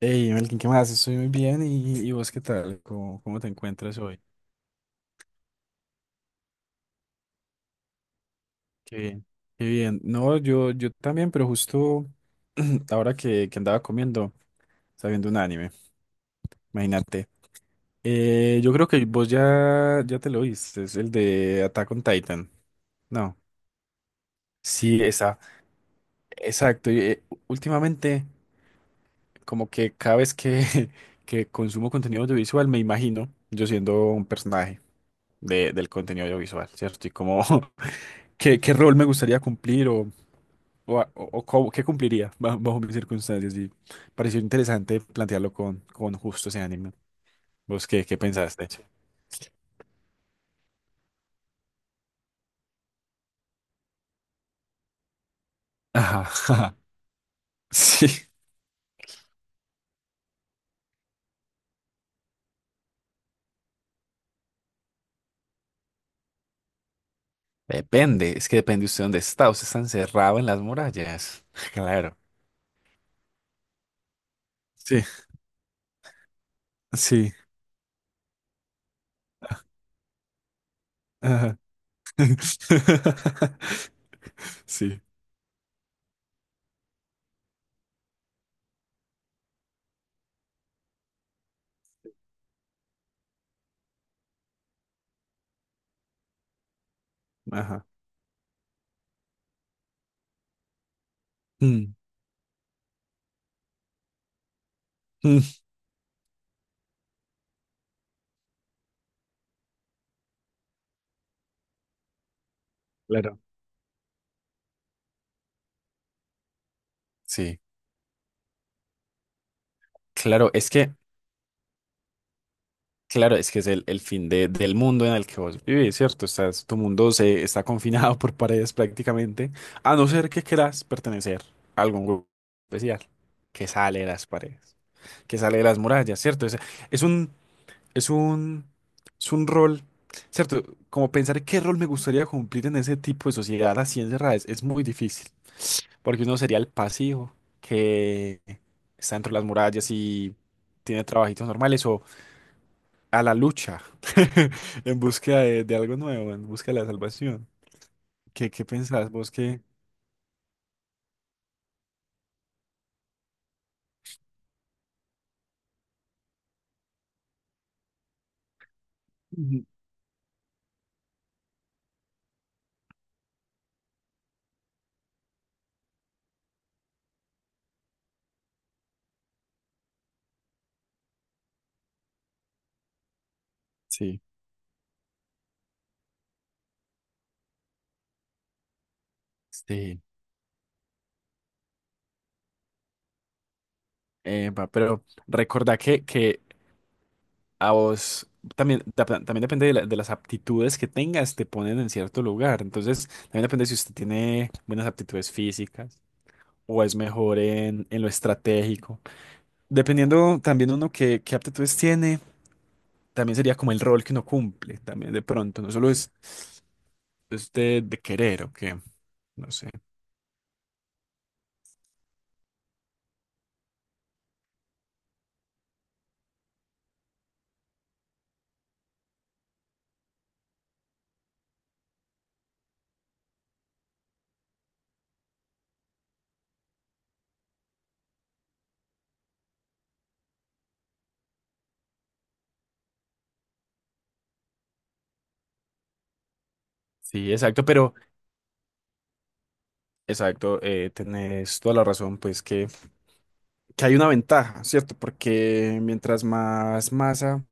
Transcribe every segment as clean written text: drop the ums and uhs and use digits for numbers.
Hey, Melkin, ¿qué más? Estoy muy bien. ¿Y vos qué tal? ¿Cómo te encuentras hoy? Qué bien. Qué bien. No, yo también, pero justo ahora que andaba comiendo, estaba viendo un anime. Imagínate. Yo creo que vos ya te lo viste. Es el de Attack on Titan. No. Sí, esa. Exacto. Y, últimamente, como que cada vez que, que consumo contenido audiovisual, me imagino yo siendo un personaje del contenido audiovisual, ¿cierto? Y como. ¿Qué rol me gustaría cumplir o qué cumpliría bajo mis circunstancias? Y pareció interesante plantearlo con justo ese ánimo. ¿Vos qué pensaste? Ajá, ajá, sí. Depende, es que depende usted dónde está. Usted está encerrado en las murallas. Claro. Sí, sí. Ajá. Sí, ajá. Mm, mm. Claro. Sí, claro, es que claro, es que es el fin del mundo en el que vos vivís, ¿cierto? Tu mundo se está confinado por paredes prácticamente, a no ser que quieras pertenecer a algún grupo especial que sale de las paredes, que sale de las murallas, ¿cierto? Es un, es un, es un rol, ¿cierto? Como pensar qué rol me gustaría cumplir en ese tipo de sociedad así encerrada es muy difícil, porque uno sería el pasivo que está dentro de las murallas y tiene trabajitos normales a la lucha, en búsqueda de algo nuevo, en búsqueda de la salvación. ¿Qué pensás vos que... Ujú. Sí, sí. Pero recordá que a vos también, también depende de las aptitudes que tengas, te ponen en cierto lugar. Entonces, también depende si usted tiene buenas aptitudes físicas o es mejor en lo estratégico. Dependiendo también uno qué aptitudes tiene, también sería como el rol que uno cumple, también de pronto. No solo es de querer, ¿ok? No sé. Sí, exacto, exacto, tenés toda la razón, pues que hay una ventaja, ¿cierto? Porque mientras más masa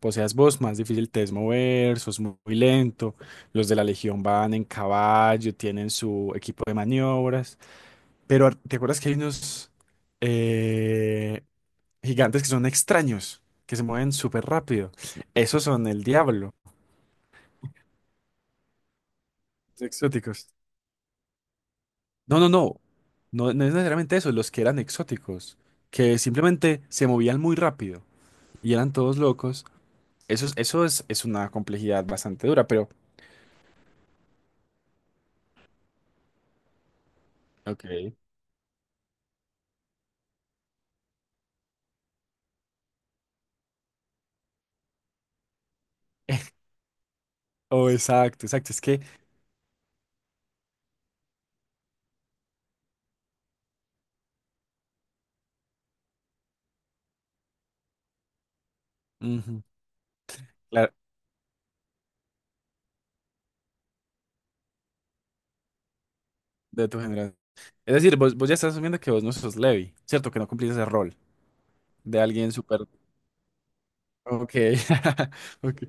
poseas vos, más difícil te es mover, sos muy lento, los de la Legión van en caballo, tienen su equipo de maniobras, pero ¿te acuerdas que hay unos eh, gigantes que son extraños, que se mueven súper rápido? Esos son el diablo, los exóticos. No, no, no. No, no es necesariamente eso, los que eran exóticos, que simplemente se movían muy rápido y eran todos locos. Es una complejidad bastante dura, pero... Ok. Oh, exacto, exacto. Es que... Ujú, claro, de tu generación. Es decir, vos ya estás asumiendo que vos no sos Levi, ¿cierto? Que no cumplís ese rol de alguien súper... Ok. Ok.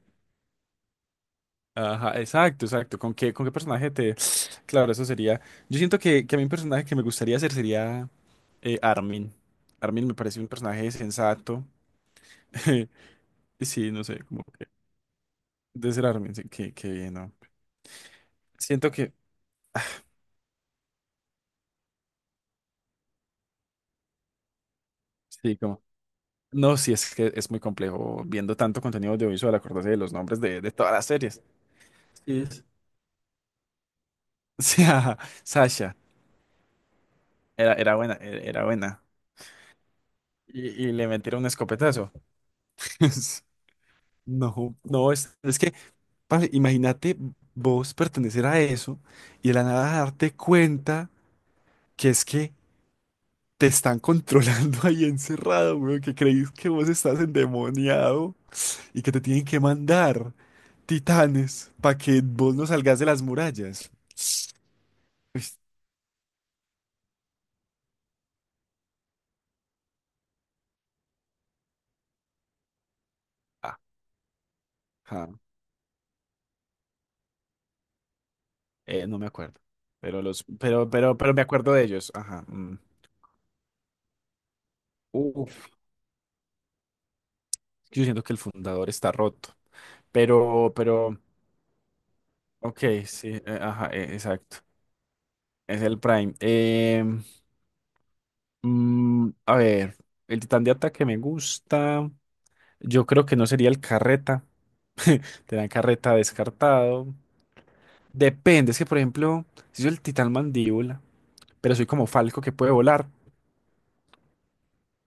Ajá, exacto, exacto. ¿Con qué personaje te...? Claro, eso sería... Yo siento que a mí un personaje que me gustaría hacer sería Armin. Armin me parece un personaje sensato. Sí, no sé, como que de ser Armin, sí, qué bien, ¿no? Siento que, sí, como. No, sí, es que es muy complejo viendo tanto contenido audiovisual, acordarse de los nombres de todas las series. Sí, es. Sí, ajá, Sasha, era buena, era buena. Y le metieron un escopetazo. No, no, es que, parce, imagínate vos pertenecer a eso y de la nada darte cuenta que es que te están controlando ahí encerrado, weón, que creís que vos estás endemoniado y que te tienen que mandar titanes para que vos no salgas de las murallas. Pues, ajá, no me acuerdo. Pero me acuerdo de ellos. Ajá. Mm. Uf, yo siento que el fundador está roto. Pero, ok, sí, ajá, exacto. Es el Prime. A ver, el titán de ataque me gusta. Yo creo que no sería el carreta. Te dan carreta descartado. Depende, es que por ejemplo, si soy el titán mandíbula, pero soy como Falco que puede volar,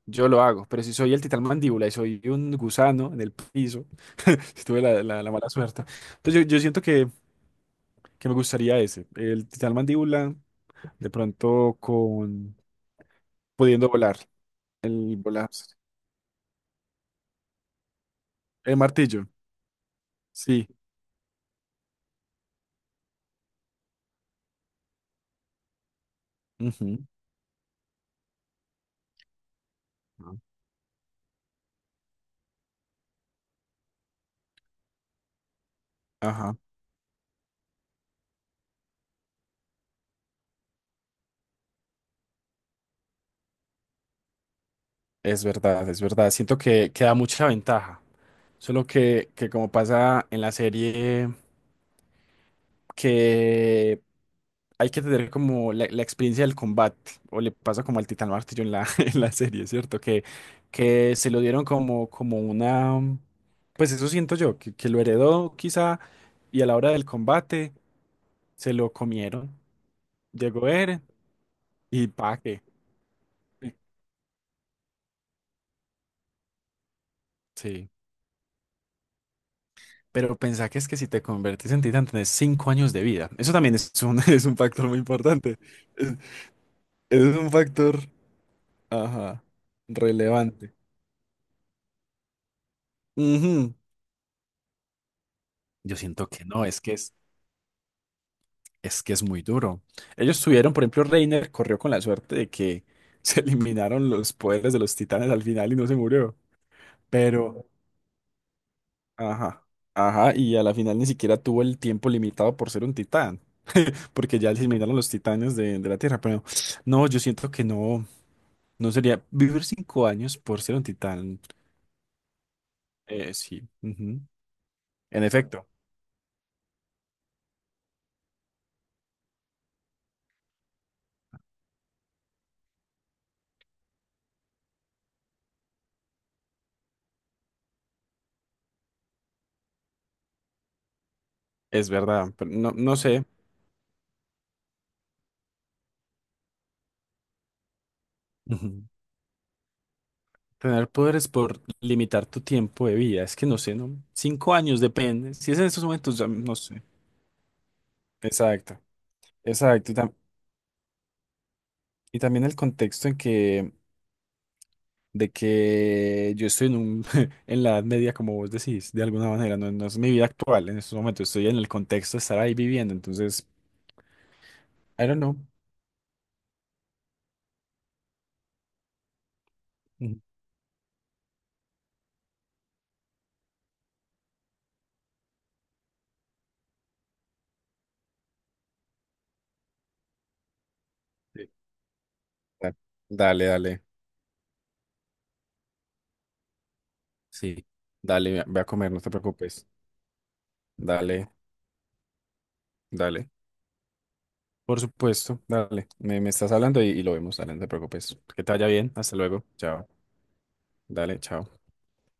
yo lo hago. Pero si soy el titán mandíbula y soy un gusano en el piso, si tuve la mala suerte. Entonces yo siento que me gustaría ese. El titán mandíbula, de pronto con pudiendo volar. El volar. El martillo. Sí. Ujú. Ajá. Es verdad, es verdad. Siento que da mucha ventaja. Solo que como pasa en la serie. Que hay que tener como la experiencia del combate, o le pasa como al Titán Martillo en la, en la serie, ¿cierto? Que se lo dieron como una... Pues eso siento yo, que lo heredó quizá, y a la hora del combate se lo comieron. Llegó Eren y pa' qué. Sí. Pero pensá que es que si te convertís en titán tenés 5 años de vida. Eso también es un, es un factor muy importante. Es, es un factor, ajá, relevante. Ujú. Yo siento que no, es que es, muy duro. Ellos tuvieron, por ejemplo, Reiner corrió con la suerte de que se eliminaron los poderes de los titanes al final y no se murió. Pero, ajá, ajá, y a la final ni siquiera tuvo el tiempo limitado por ser un titán, porque ya se eliminaron los titanes de la Tierra. Pero no, yo siento que no sería vivir 5 años por ser un titán. Sí, ujú. En efecto, es verdad, pero no, no sé. Ujú. Tener poderes por limitar tu tiempo de vida. Es que no sé, ¿no? 5 años, depende. Si es en estos momentos, ya no sé. Exacto, exacto. Y también el contexto de que yo estoy en un, en la edad media, como vos decís, de alguna manera. No, no es mi vida actual. En estos momentos estoy en el contexto de estar ahí viviendo. Entonces, I don't know. Ujú. Sí. Da- Dale, dale. Sí. Dale, ve a comer, no te preocupes. Dale, dale. Por supuesto, dale. Me estás hablando y lo vemos, dale, no te preocupes. Que te vaya bien, hasta luego. Chao. Dale, chao.